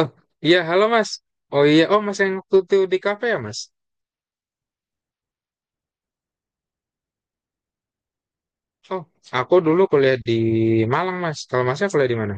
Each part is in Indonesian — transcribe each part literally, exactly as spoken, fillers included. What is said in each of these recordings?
Oh, iya, halo Mas. Oh iya, oh Mas yang waktu itu di kafe ya Mas? Oh, aku dulu kuliah di Malang Mas. Kalau Masnya kuliah di mana?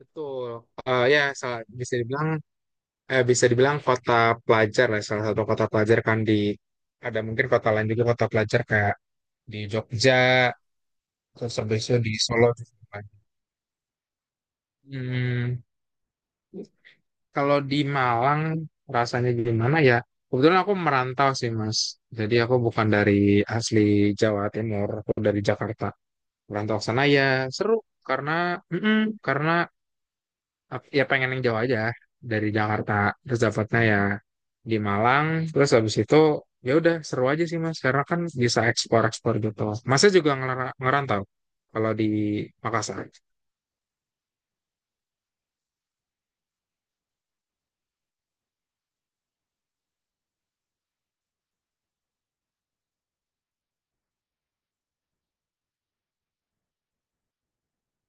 Betul. Eh ya, salah- bisa dibilang eh, bisa dibilang kota pelajar lah, salah satu kota pelajar kan di ada mungkin kota lain juga kota pelajar kayak di Jogja, terus habis itu di Solo juga. Hmm, Kalau di Malang rasanya gimana ya? Kebetulan aku merantau sih Mas. Jadi aku bukan dari asli Jawa Timur, aku dari Jakarta. Kurang sana ya seru, karena mm-mm, karena ap- ya pengen yang jauh aja dari Jakarta, terus dapatnya ya di Malang. Terus habis itu ya udah seru aja sih mas karena kan bisa ekspor-ekspor gitu. Masnya juga ngera- ngerantau kalau di Makassar?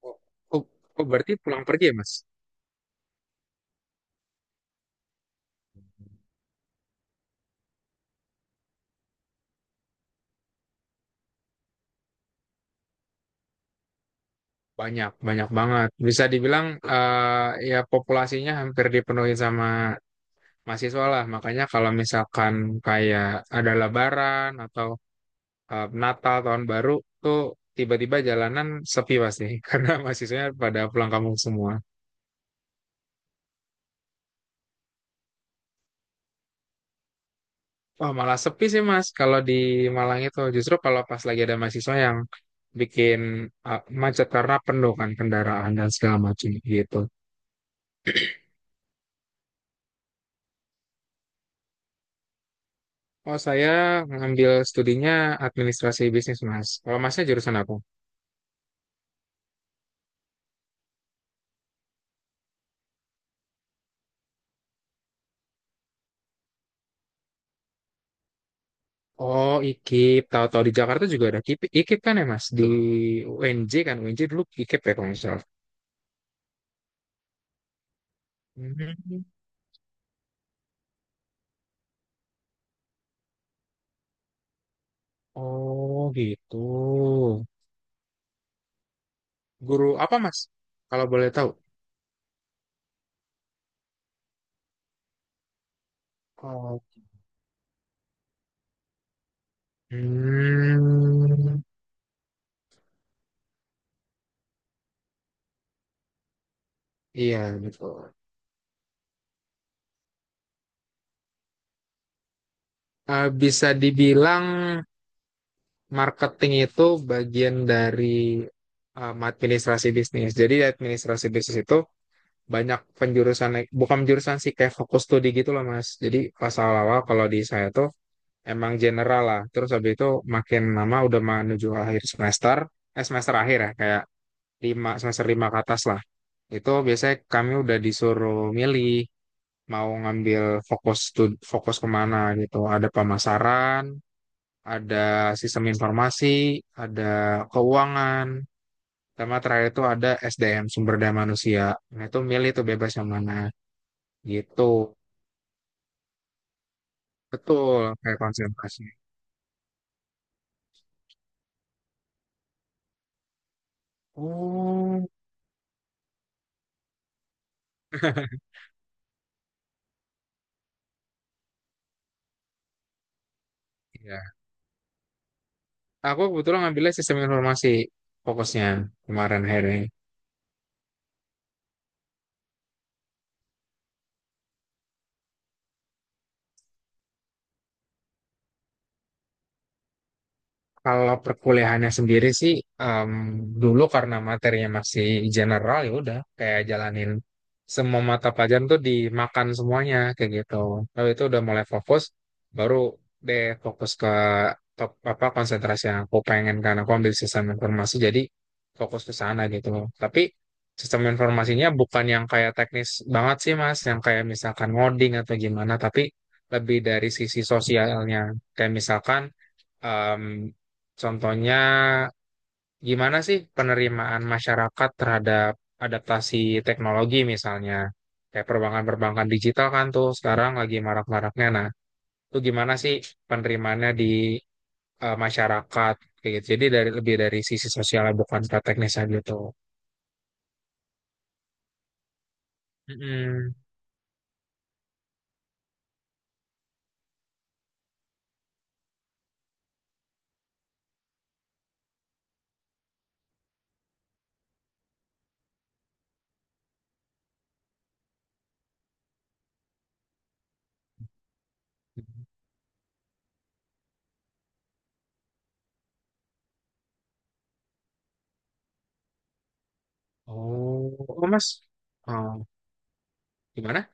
Oh, oh, oh, berarti pulang pergi ya mas. Banyak banyak banget bisa dibilang, eh, ya populasinya hampir dipenuhi sama mahasiswa lah, makanya kalau misalkan kayak ada lebaran atau eh, Natal tahun baru tuh tiba-tiba jalanan sepi pasti karena mahasiswanya pada pulang kampung semua. Wah malah sepi sih Mas kalau di Malang itu, justru kalau pas lagi ada mahasiswa yang bikin eh, macet karena penuh kan kendaraan dan segala macam gitu. Oh saya ngambil studinya administrasi bisnis Mas. Kalau Masnya jurusan apa? Oh I K I P, tahu-tahu di Jakarta juga ada K I P- IKIP, kan ya Mas, di UNJ kan, UNJ dulu I K I P ya kalau nggak salah. Hmm. Oh gitu. Guru apa Mas? Kalau boleh tahu. Oh. Hmm, iya betul. Eh, bisa dibilang marketing itu bagian dari em, administrasi bisnis. Jadi administrasi bisnis itu banyak penjurusan, bukan penjurusan sih, kayak fokus studi gitu loh Mas. Jadi pas awal-awal kalau di saya tuh emang general lah. Terus habis itu makin lama udah menuju akhir semester, eh semester akhir ya, kayak lima semester lima ke atas lah. Itu biasanya kami udah disuruh milih mau ngambil fokus stud- fokus kemana gitu. Ada pemasaran, ada sistem informasi, ada keuangan, sama terakhir itu ada S D M, sumber daya manusia. Nah itu milih tuh bebas yang mana gitu. Betul, kayak konsentrasi. Oh. Iya. Aku kebetulan ngambilnya sistem informasi fokusnya kemarin akhirnya. Kalau perkuliahannya sendiri sih, em, dulu karena materinya masih general, ya udah kayak jalanin semua mata pelajaran tuh, dimakan semuanya kayak gitu. Lalu itu udah mulai fokus, baru deh fokus ke top apa konsentrasi yang aku pengen. Karena aku ambil sistem informasi jadi fokus ke sana gitu. Tapi sistem informasinya bukan yang kayak teknis banget sih Mas, yang kayak misalkan ngoding atau gimana, tapi lebih dari sisi sosialnya. Kayak misalkan, Em, contohnya, gimana sih penerimaan masyarakat terhadap adaptasi teknologi misalnya? Kayak perbankan-perbankan digital kan tuh sekarang lagi marak-maraknya. Nah, itu gimana sih penerimaannya di eh, masyarakat? Kayak gitu. Jadi dari lebih dari sisi sosialnya, bukan ke teknisnya gitu. Mm-mm. Oh, oh, mas, oh, gimana?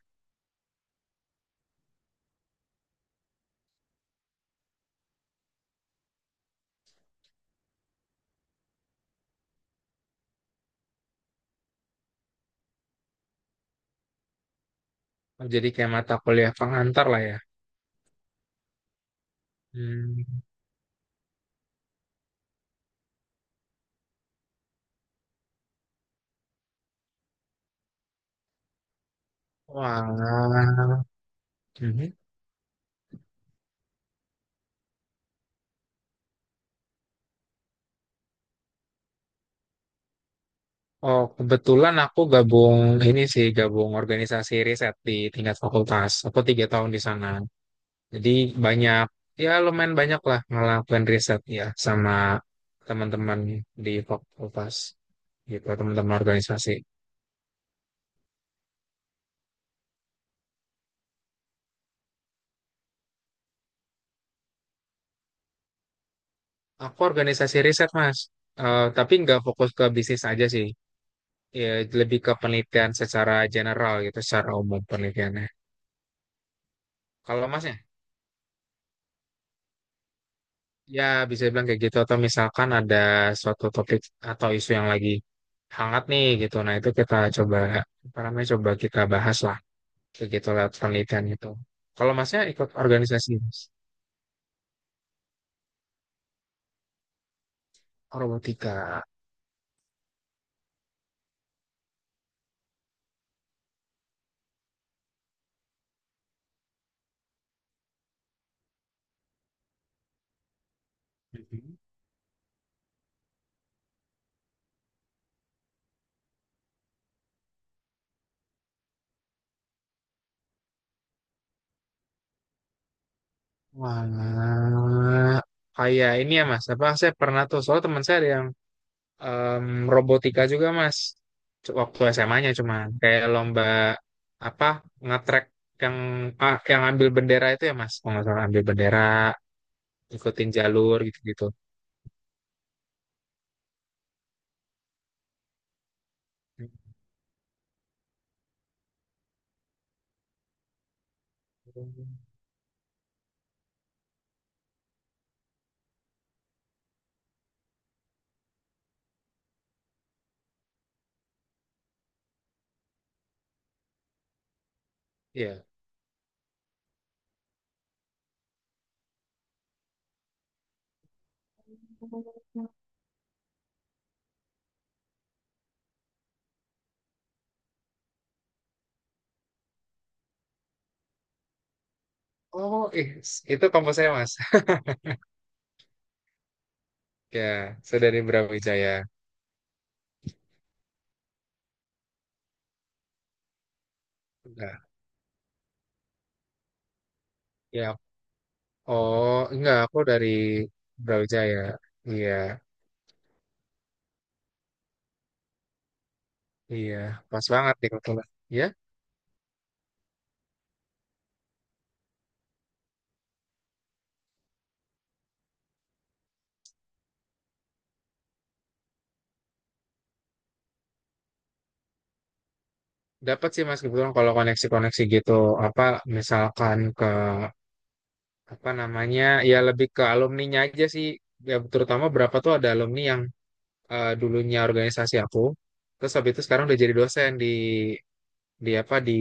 Oh, jadi kayak mata kuliah pengantar lah ya. Hmm. Wah. Mhm. Oh, kebetulan aku gabung ini sih, gabung organisasi riset di tingkat fakultas. Aku tiga tahun di sana. Jadi banyak, ya lumayan banyak lah ngelakuin riset ya sama teman-teman di fakultas gitu, teman-teman organisasi. Aku organisasi riset, Mas. Eh, tapi nggak fokus ke bisnis aja sih. Ya, lebih ke penelitian secara general gitu, secara umum penelitiannya. Kalau Masnya? Ya, bisa bilang kayak gitu. Atau misalkan ada suatu topik atau isu yang lagi hangat nih gitu. Nah, itu kita coba, apa namanya, coba kita bahas lah. Kayak gitu lewat penelitian itu. Kalau masnya ikut organisasi, Mas? Robotika. Mhm. Wah, kayak ini ya, Mas. Apa, saya pernah tuh, soal teman saya ada yang em, robotika juga, Mas. C- Waktu S M A-nya-nya cuma kayak lomba apa, ngetrek yang ah, yang ambil bendera itu ya, Mas. Kalau nggak salah ambil bendera, ikutin jalur gitu-gitu. Hmm. Iya. Oh, eh, itu kampus saya mas. Ya, saya dari Brawijaya. Nah, ya. Oh, enggak, aku dari Brawijaya. Iya, iya, pas banget nih kebetulan. Ya, dapat sih mas kebetulan kalau koneksi-koneksi gitu. Apa misalkan ke apa namanya? Ya lebih ke alumninya aja sih. Ya, terutama berapa tuh, ada alumni yang eh, dulunya organisasi aku. Terus habis itu sekarang udah jadi dosen di di apa di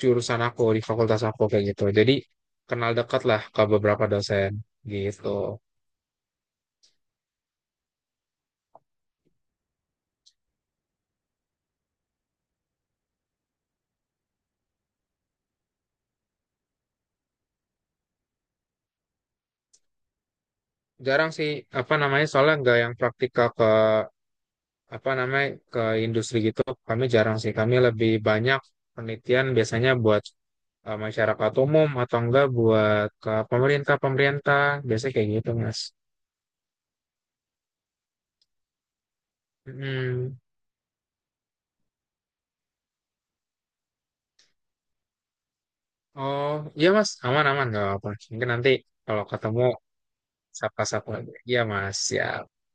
jurusan aku, di fakultas aku kayak gitu, jadi kenal dekat lah ke beberapa dosen gitu. Jarang sih, apa namanya, soalnya nggak yang praktikal ke apa namanya, ke industri gitu. Kami jarang sih, kami lebih banyak penelitian biasanya buat eh, masyarakat umum atau enggak buat ke pemerintah, pemerintah biasanya kayak gitu mas. Mm. Oh, iya Mas, aman-aman nggak apa-apa. Mungkin nanti kalau ketemu, sapa-sapa lagi. Iya Mas, ya.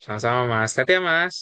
Sama-sama Mas. Tati ya Mas.